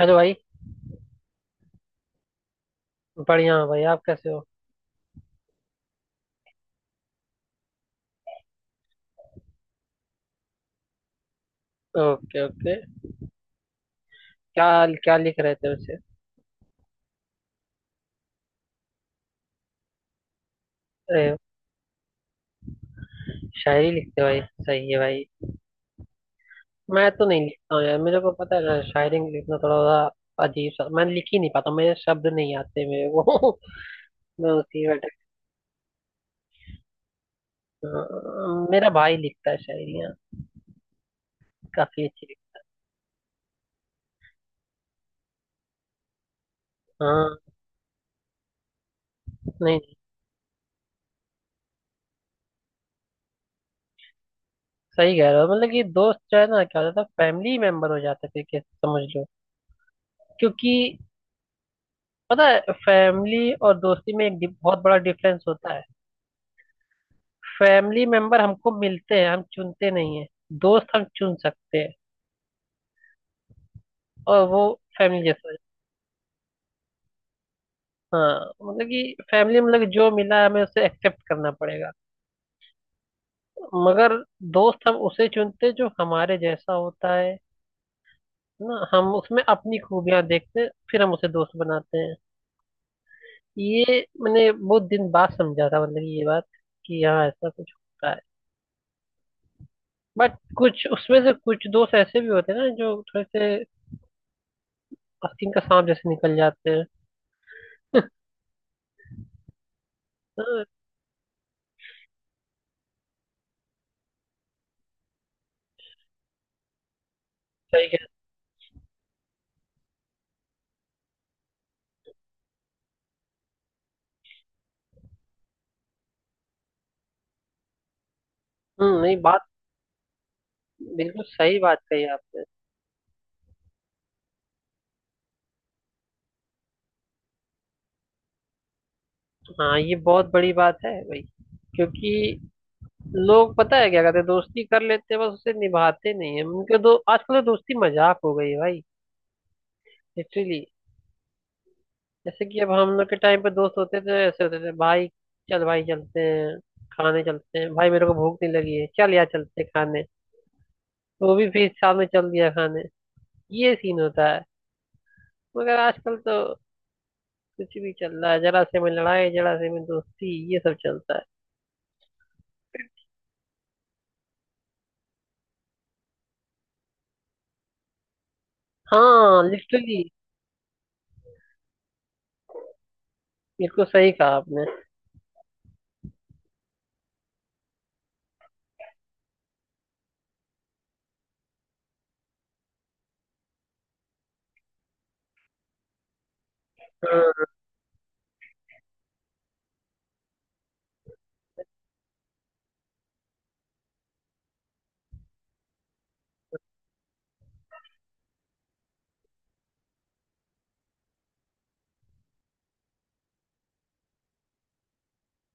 Hello भाई। बढ़िया हूँ भाई, आप कैसे हो? Okay okay. क्या क्या लिख रहे थे वैसे? अरे, शायरी लिखते हो भाई, सही है भाई। मैं तो नहीं लिखता हूँ यार, मेरे को पता है ना, शायरी लिखना थोड़ा सा अजीब सा, मैं लिख ही नहीं पाता, मेरे शब्द नहीं आते मेरे को। मैं उसी में मेरा भाई लिखता है शायरियाँ, काफी अच्छी लिखता है। हाँ। नहीं नहीं, सही कह रहे हो, मतलब कि दोस्त जो है ना, क्या होता था, फैमिली मेंबर हो जाते थे कि, समझ लो क्योंकि पता है, फैमिली और दोस्ती में एक बहुत बड़ा डिफरेंस होता है। फैमिली मेंबर हमको मिलते हैं, हम चुनते नहीं है। दोस्त हम चुन सकते हैं, और वो फैमिली जैसा है। हाँ, मतलब कि फैमिली मतलब कि जो मिला हमें उसे एक्सेप्ट करना पड़ेगा, मगर दोस्त हम उसे चुनते हैं जो हमारे जैसा होता है। ना हम उसमें अपनी खूबियां देखते हैं, फिर हम उसे दोस्त बनाते हैं। ये मैंने बहुत दिन बाद समझा था, मतलब कि ये बात कि हाँ, ऐसा कुछ होता है। बट कुछ उसमें से कुछ दोस्त ऐसे भी होते हैं ना, जो थोड़े से आस्तीन का सांप जैसे निकल जाते हैं। हाँ, सही। हम्म, नहीं बात, बिल्कुल सही बात कही आपने। हाँ, ये बहुत बड़ी बात है भाई, क्योंकि लोग पता है क्या करते हैं, दोस्ती कर लेते हैं बस, उसे निभाते नहीं है उनके दो। आजकल तो दोस्ती मजाक हो गई है भाई, लिटरली। जैसे कि अब हम लोग के टाइम पे दोस्त होते थे, ऐसे होते थे भाई। चल भाई चलते हैं, खाने चलते हैं भाई, मेरे को भूख नहीं लगी है, चल यार चलते हैं खाने। वो भी फिर साथ में चल दिया खाने। ये सीन होता है। मगर आजकल तो कुछ भी चल रहा है, जरा से में लड़ाई, जरा से में दोस्ती, ये सब चलता है। हाँ लिटरली। बिल्कुल सही कहा आपने। हाँ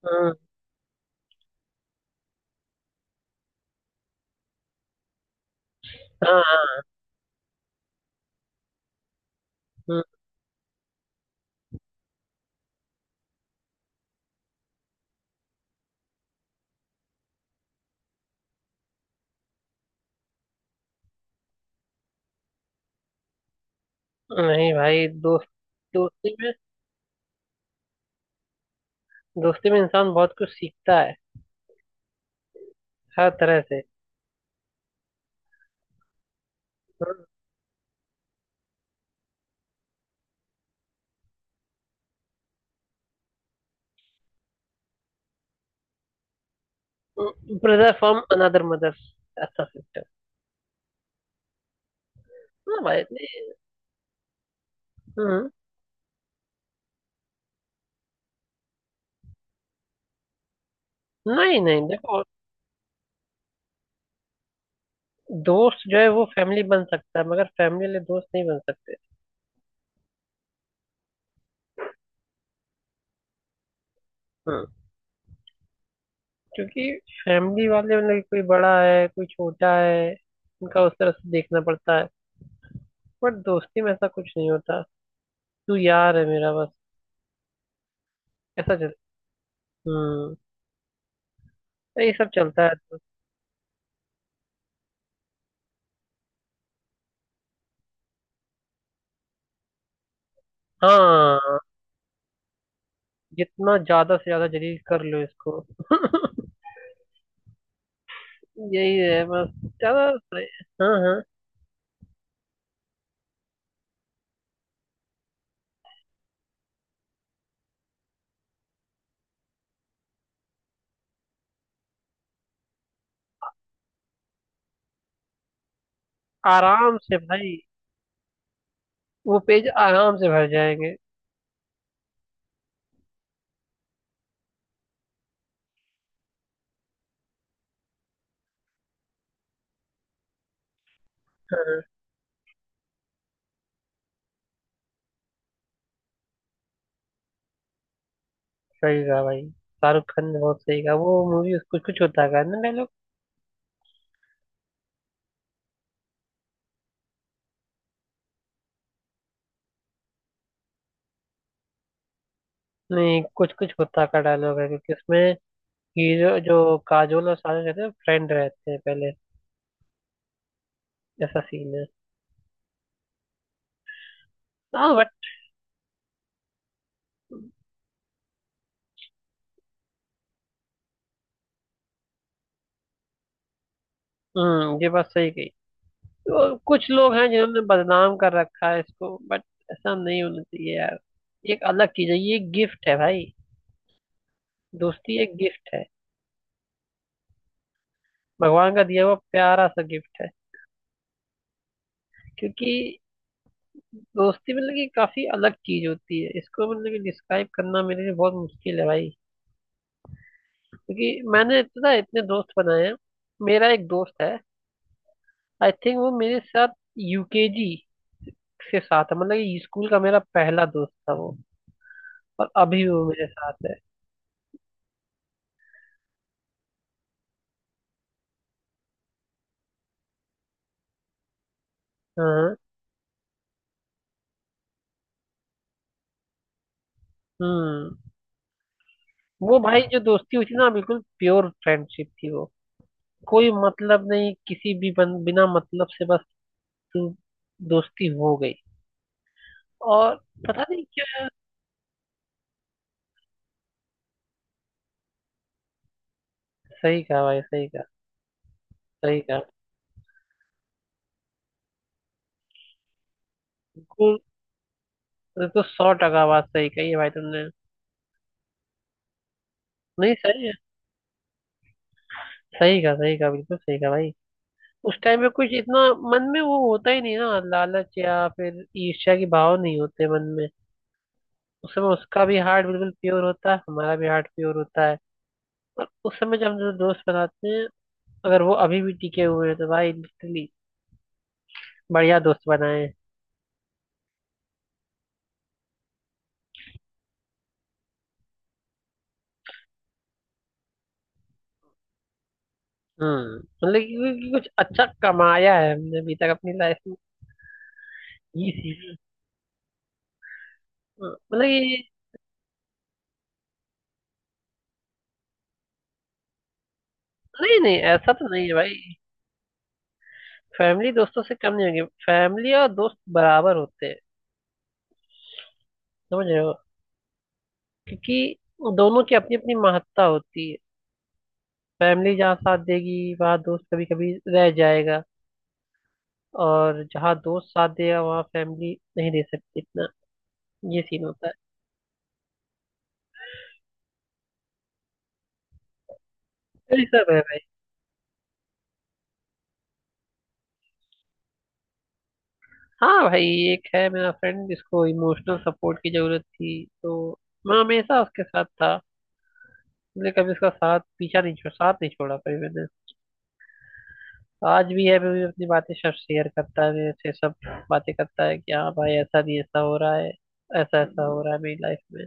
हाँ। हाँ हाँ, नहीं भाई, दोस्ती में दोस्ती में इंसान बहुत कुछ सीखता है, हर तरह से। Brother from another mother. अच्छा, सिस्टर। हाँ भाई नहीं। हम्म। नहीं नहीं देखो, दोस्त जो है वो फैमिली बन सकता है, मगर फैमिली वाले दोस्त नहीं बन सकते। हम्म। क्योंकि फैमिली वाले मतलब कोई बड़ा है कोई छोटा है, उनका उस तरह से देखना पड़ता है। बट दोस्ती में ऐसा कुछ नहीं होता, तू यार है मेरा बस, ऐसा चल। हम्म। तो ये सब चलता है तो। हाँ, जितना ज्यादा से ज्यादा जलील कर लो इसको। यही है बस, ज्यादा से-। हाँ हाँ। आराम से भाई, वो पेज आराम से भर जाएंगे। हाँ, सही कहा भाई, शाहरुख खान ने बहुत सही कहा। वो मूवी कुछ कुछ होता का है ना डायलॉग? नहीं, कुछ कुछ होता का डायलॉग है, क्योंकि उसमें हीरो जो, काजोल और शाहरुख रहते हैं, फ्रेंड रहते हैं पहले, ऐसा सीन है। हाँ बट। हम्म, ये बात सही कही। तो कुछ लोग हैं जिन्होंने बदनाम कर रखा है इसको, बट ऐसा नहीं होना चाहिए यार। ये एक अलग चीज है, ये गिफ्ट है भाई। दोस्ती एक गिफ्ट है, भगवान का दिया हुआ प्यारा सा गिफ्ट है। क्योंकि दोस्ती मतलब कि काफी अलग चीज होती है, इसको मतलब कि डिस्क्राइब करना मेरे लिए बहुत मुश्किल है भाई, क्योंकि मैंने पता है इतने दोस्त बनाए हैं। मेरा एक दोस्त है, आई थिंक वो मेरे साथ यूकेजी से साथ है, मतलब कि स्कूल का मेरा पहला दोस्त था वो, और अभी वो मेरे साथ है। हाँ। हम्म। वो भाई जो दोस्ती हुई थी ना, बिल्कुल प्योर फ्रेंडशिप थी वो। कोई मतलब नहीं, बिना मतलब से बस, तू, दोस्ती हो गई। और पता नहीं क्या। सही कहा भाई, सही कहा, सही कहा बिल्कुल। ये तो सौ टका बात सही कही है भाई तुमने। नहीं सही है, सही कहा, सही कहा, बिल्कुल सही कहा भाई। उस टाइम में कुछ इतना मन में वो होता ही नहीं ना, लालच या फिर ईर्ष्या के भाव नहीं होते मन में। उस समय उसका भी हार्ट बिल्कुल प्योर होता है, हमारा भी हार्ट प्योर होता है। और उस समय जब हम जो दोस्त बनाते हैं, अगर वो अभी भी टिके हुए हैं, तो भाई लिटरली बढ़िया दोस्त बनाए हैं। हम्म, मतलब कि कुछ अच्छा कमाया है हमने अभी तक अपनी लाइफ में। ये सीख। हाँ, मतलब ये। नहीं नहीं ऐसा तो नहीं है भाई। फैमिली दोस्तों से कम नहीं होगी, फैमिली और दोस्त बराबर होते हैं, समझ रहे हो? क्योंकि दोनों की अपनी अपनी महत्ता होती है। फैमिली जहाँ साथ देगी वहाँ दोस्त कभी कभी रह जाएगा, और जहाँ दोस्त साथ देगा वहाँ फैमिली नहीं दे सकती इतना। ये सीन होता है। यही सब है भाई। हाँ भाई, एक है मेरा फ्रेंड जिसको इमोशनल सपोर्ट की जरूरत थी, तो मैं हमेशा उसके साथ था। मैंने कभी उसका साथ पीछा नहीं छोड़ा, साथ नहीं छोड़ा कभी मैंने। आज भी है, मैं भी अपनी बातें सब शेयर करता है मेरे से सब, बातें करता है कि हाँ भाई ऐसा नहीं ऐसा हो रहा है, ऐसा ऐसा हो रहा है मेरी लाइफ में।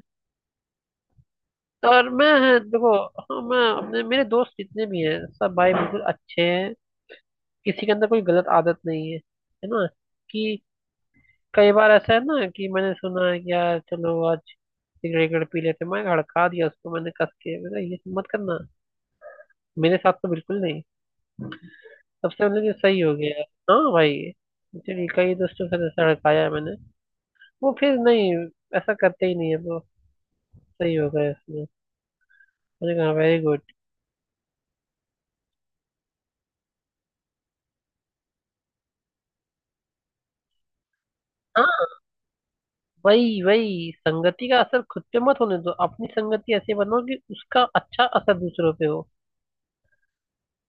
तो और मैं, देखो, हाँ मैं अपने, मेरे दोस्त जितने भी हैं सब भाई बिल्कुल अच्छे हैं। किसी के अंदर कोई गलत आदत नहीं है, है ना? कि कई बार ऐसा है ना कि मैंने सुना है कि यार चलो आज सिगरेट विगरेट पी लेते हैं, मैं भड़का दिया उसको मैंने कस के, मैंने कहा, ये सब मत करना, मेरे साथ तो बिल्कुल नहीं। सबसे मैंने कहा, सही हो गया। हाँ भाई, एक्चुअली कई दोस्तों से ऐसा भड़काया है मैंने, वो फिर नहीं ऐसा करते ही नहीं है वो, सही हो गया इसमें। मैंने कहा वेरी गुड। हाँ वही वही संगति का असर खुद पे मत होने दो, अपनी संगति ऐसी बनाओ कि उसका अच्छा असर दूसरों पे हो,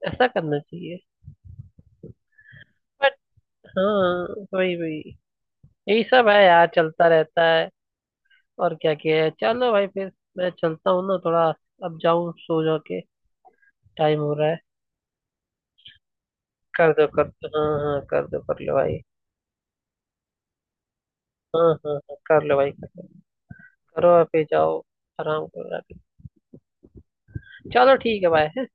ऐसा करना चाहिए। बट हाँ, वही वही यही सब है यार, चलता रहता है। और क्या किया है? चलो भाई फिर, मैं चलता हूँ ना थोड़ा, अब जाऊँ सो जा के, टाइम हो रहा है। कर दो कर दो, हाँ हाँ, कर दो कर लो भाई। हाँ हाँ हाँ, कर लो भाई, कर लो, करो और फिर जाओ, आराम करो आके। चलो ठीक है भाई।